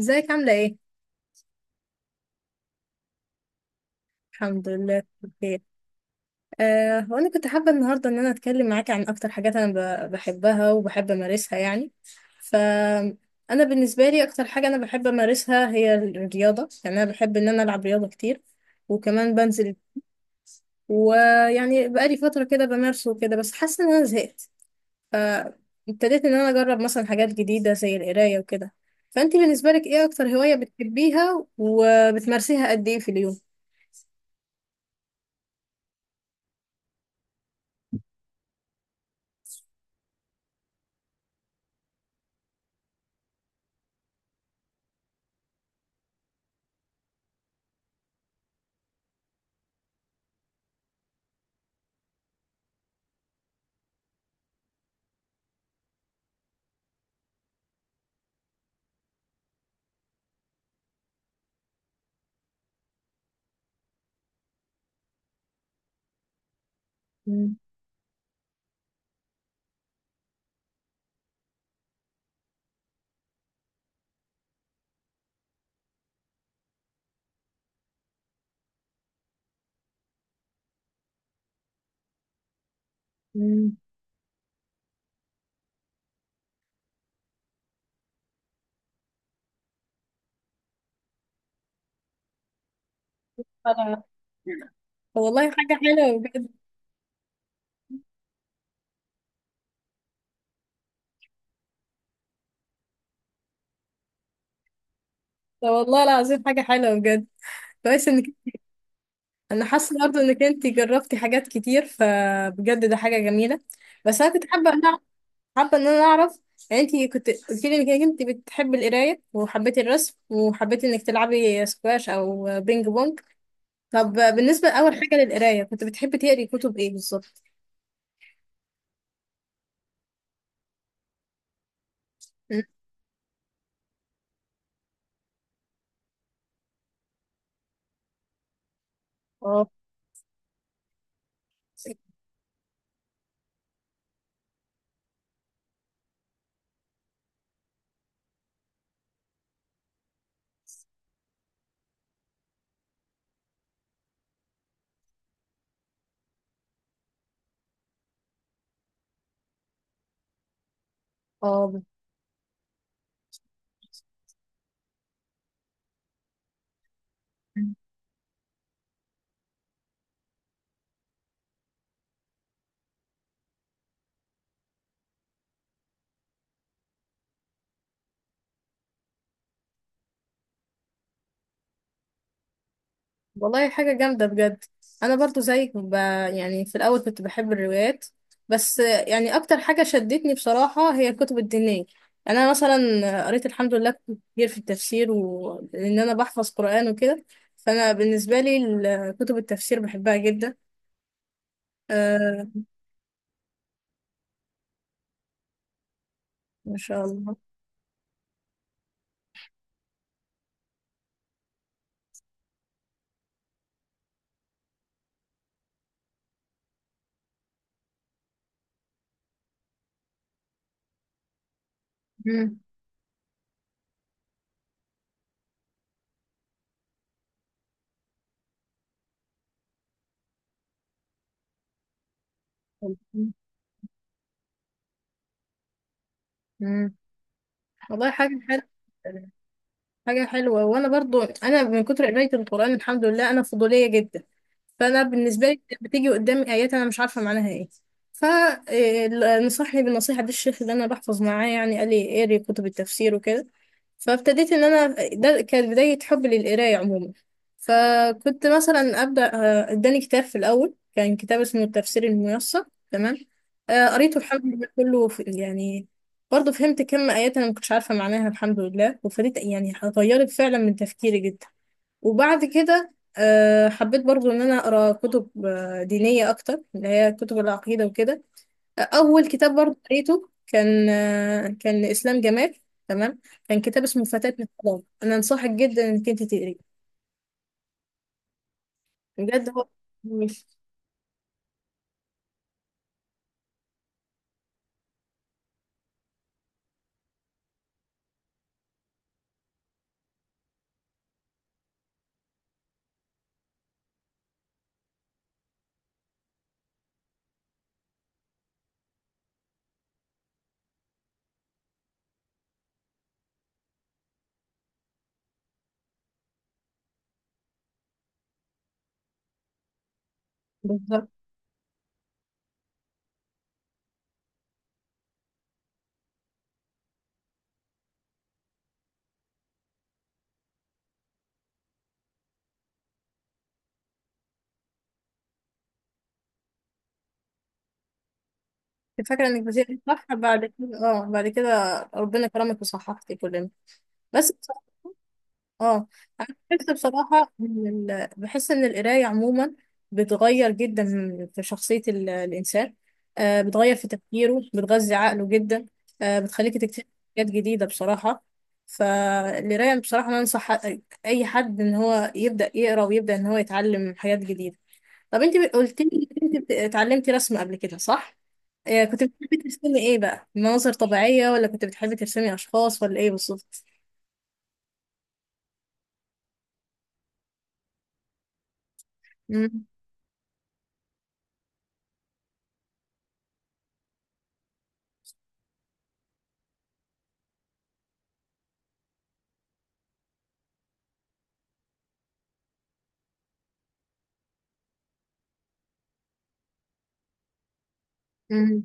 ازيك عاملة ايه؟ الحمد لله بخير. آه وانا كنت حابة النهاردة ان انا اتكلم معاكي عن اكتر حاجات انا بحبها وبحب امارسها يعني. ف انا بالنسبة لي اكتر حاجة انا بحب امارسها هي الرياضة، يعني انا بحب ان انا العب رياضة كتير وكمان بنزل، ويعني بقالي فترة كده بمارسه وكده بس حاسة ان انا زهقت. فابتديت ان انا اجرب مثلا حاجات جديدة زي القراية وكده. فانتي بالنسبة لك ايه اكتر هواية بتحبيها وبتمارسيها قد ايه في اليوم؟ مم. مم. طب والله حاجة حلوة بجد. طب والله العظيم حاجة حلوة بجد، كويس انك، انا حاسة برضه انك انت جربتي حاجات كتير فبجد ده حاجة جميلة. بس انا كنت حابة ان حابة ان انا اعرف، يعني انت كنت قلت لي انك انت بتحبي القراية وحبيتي الرسم وحبيتي انك تلعبي سكواش او بينج بونج. طب بالنسبة اول حاجة للقراية كنت بتحبي تقري كتب ايه بالظبط؟ م. اه اه، والله حاجة جامدة بجد. أنا برضو زيك يعني في الأول كنت بحب الروايات بس يعني أكتر حاجة شدتني بصراحة هي الكتب الدينية، يعني أنا مثلا قريت الحمد لله كتير في التفسير، وإن أنا بحفظ قرآن وكده، فأنا بالنسبة لي كتب التفسير بحبها جدا. آه، ما شاء الله. مم. مم. والله حاجة حلوة، حاجة حلوة. وأنا برضو أنا من كتر قراية القرآن الحمد لله أنا فضولية جدا، فأنا بالنسبة لي بتيجي قدامي آيات أنا مش عارفة معناها إيه، فنصحني بالنصيحة دي الشيخ اللي أنا بحفظ معاه، يعني قال لي اقري كتب التفسير وكده. فابتديت إن أنا، ده كانت بداية حبي للقراية عموما. فكنت مثلا أبدأ، إداني كتاب في الأول كان كتاب اسمه التفسير الميسر، تمام. قريته الحمد لله كله في يعني، برضه فهمت كم آيات أنا ما كنتش عارفة معناها الحمد لله، وفريت يعني غيرت فعلا من تفكيري جدا. وبعد كده حبيت برضه إن أنا أقرأ كتب دينية أكتر اللي هي كتب العقيدة وكده. أول كتاب برضه قريته كان كان إسلام جمال، تمام. كان كتاب اسمه فتاة من الفضاء، أنا أنصحك جدا إنك أنت تقريه. بجد هو مش بالظبط كنت فاكرة إنك بتقري صح. بعد كده اه، بعد كده ربنا كرمك وصححتي كلنا. بس اه، انا بحس بصراحه ان بحس ان القرايه عموما بتغير جدا في شخصيه الانسان. آه، بتغير في تفكيره، بتغذي عقله جدا، آه بتخليك تكتشف حاجات جديده بصراحه. فالقرايه بصراحه انا انصح اي حد ان هو يبدا يقرا ويبدا ان هو يتعلم حاجات جديده. طب انت قلت لي انت اتعلمتي رسم قبل كده صح؟ آه، كنت بتحبي ترسمي ايه بقى؟ مناظر طبيعيه ولا كنت بتحبي ترسمي اشخاص ولا ايه بالظبط؟ مم.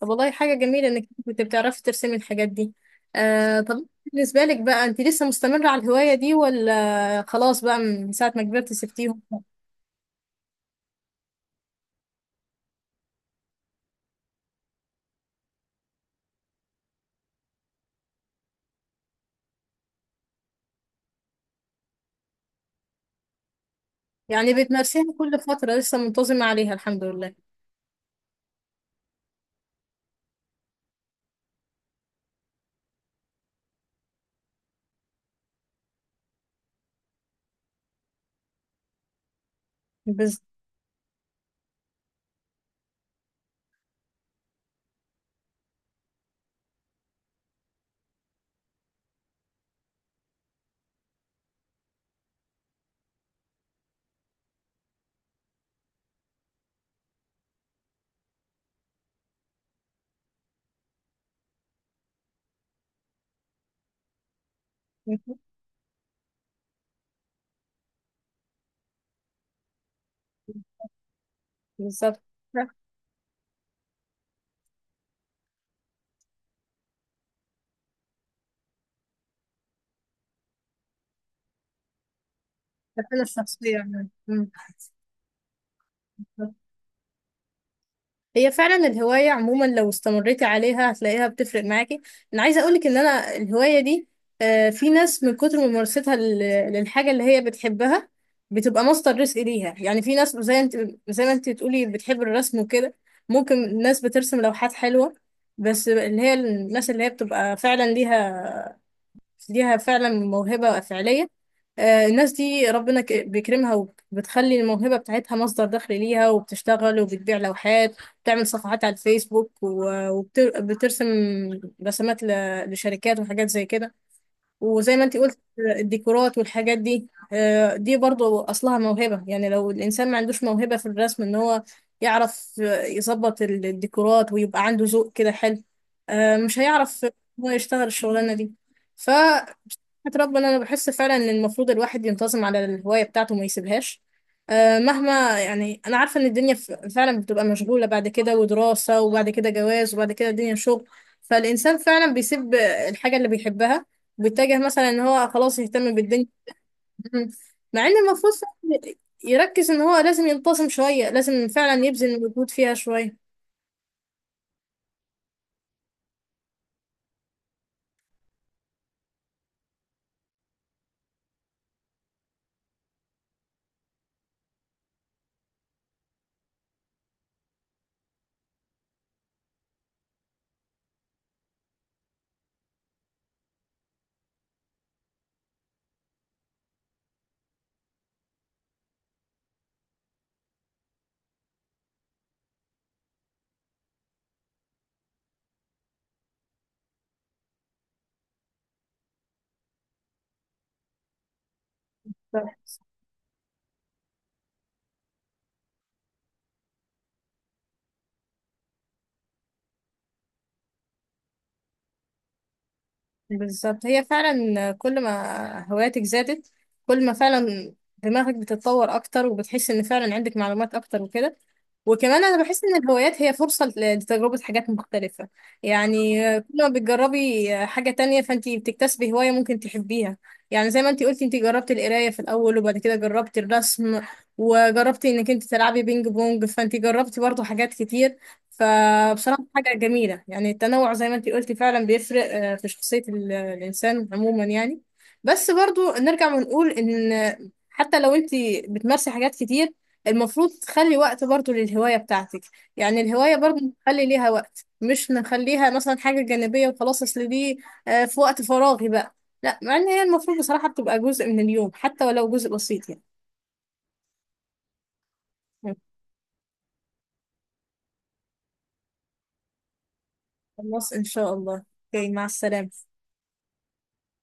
طب والله حاجة جميلة انك كنت بتعرفي ترسمي الحاجات دي. آه، طب بالنسبة لك بقى انت لسه مستمرة على الهواية دي ولا خلاص بقى من ساعة ما كبرت سبتيهم؟ يعني بتمارسيها كل فترة لسه منتظمة عليها الحمد لله. بز- بالظبط. ده- ده أنا الشخصية يعني. مم. هي فعلا الهواية عموما لو استمريتي عليها هتلاقيها بتفرق معاكي. انا عايزة اقولك ان انا الهواية دي في ناس من كتر ممارستها للحاجة اللي هي بتحبها بتبقى مصدر رزق ليها، يعني في ناس زي انت، زي ما انت تقولي بتحب الرسم وكده، ممكن ناس بترسم لوحات حلوة بس اللي هي الناس اللي هي بتبقى فعلا ليها فعلا موهبة فعلية، الناس دي ربنا بيكرمها وبتخلي الموهبة بتاعتها مصدر دخل ليها، وبتشتغل وبتبيع لوحات وبتعمل صفحات على الفيسبوك، وبترسم رسمات لشركات وحاجات زي كده. وزي ما انت قلت الديكورات والحاجات دي، دي برضو أصلها موهبة، يعني لو الإنسان ما عندوش موهبة في الرسم إن هو يعرف يظبط الديكورات ويبقى عنده ذوق كده حلو، مش هيعرف إن هو يشتغل الشغلانة دي. حياة ربنا انا بحس فعلا ان المفروض الواحد ينتظم على الهوايه بتاعته وما يسيبهاش. أه مهما يعني، انا عارفه ان الدنيا فعلا بتبقى مشغوله بعد كده، ودراسه وبعد كده جواز وبعد كده الدنيا شغل، فالانسان فعلا بيسيب الحاجه اللي بيحبها وبيتجه مثلا ان هو خلاص يهتم بالدنيا. مع ان المفروض فعلاً يركز ان هو لازم ينتظم شويه، لازم فعلا يبذل مجهود فيها شويه. بالظبط، هي فعلا كل ما هواياتك زادت كل ما فعلا دماغك بتتطور اكتر وبتحس ان فعلا عندك معلومات اكتر وكده. وكمان انا بحس ان الهوايات هي فرصة لتجربة حاجات مختلفة، يعني كل ما بتجربي حاجة تانية فانتي بتكتسبي هواية ممكن تحبيها. يعني زي ما انتي قلتي انتي جربتي القراية في الاول وبعد كده جربتي الرسم وجربتي انك انتي تلعبي بينج بونج، فانتي جربتي برضو حاجات كتير، فبصراحة حاجة جميلة يعني. التنوع زي ما انتي قلتي فعلا بيفرق في شخصية الإنسان عموما يعني. بس برضو نرجع ونقول إن حتى لو انتي بتمارسي حاجات كتير المفروض تخلي وقت برضو للهواية بتاعتك، يعني الهواية برضو نخلي ليها وقت مش نخليها مثلا حاجة جانبية وخلاص أصل دي في وقت فراغي بقى، لا مع إن هي المفروض بصراحة بتبقى جزء من اليوم حتى ولو جزء بسيط يعني. خلاص إن شاء الله. اوكي، مع السلامة.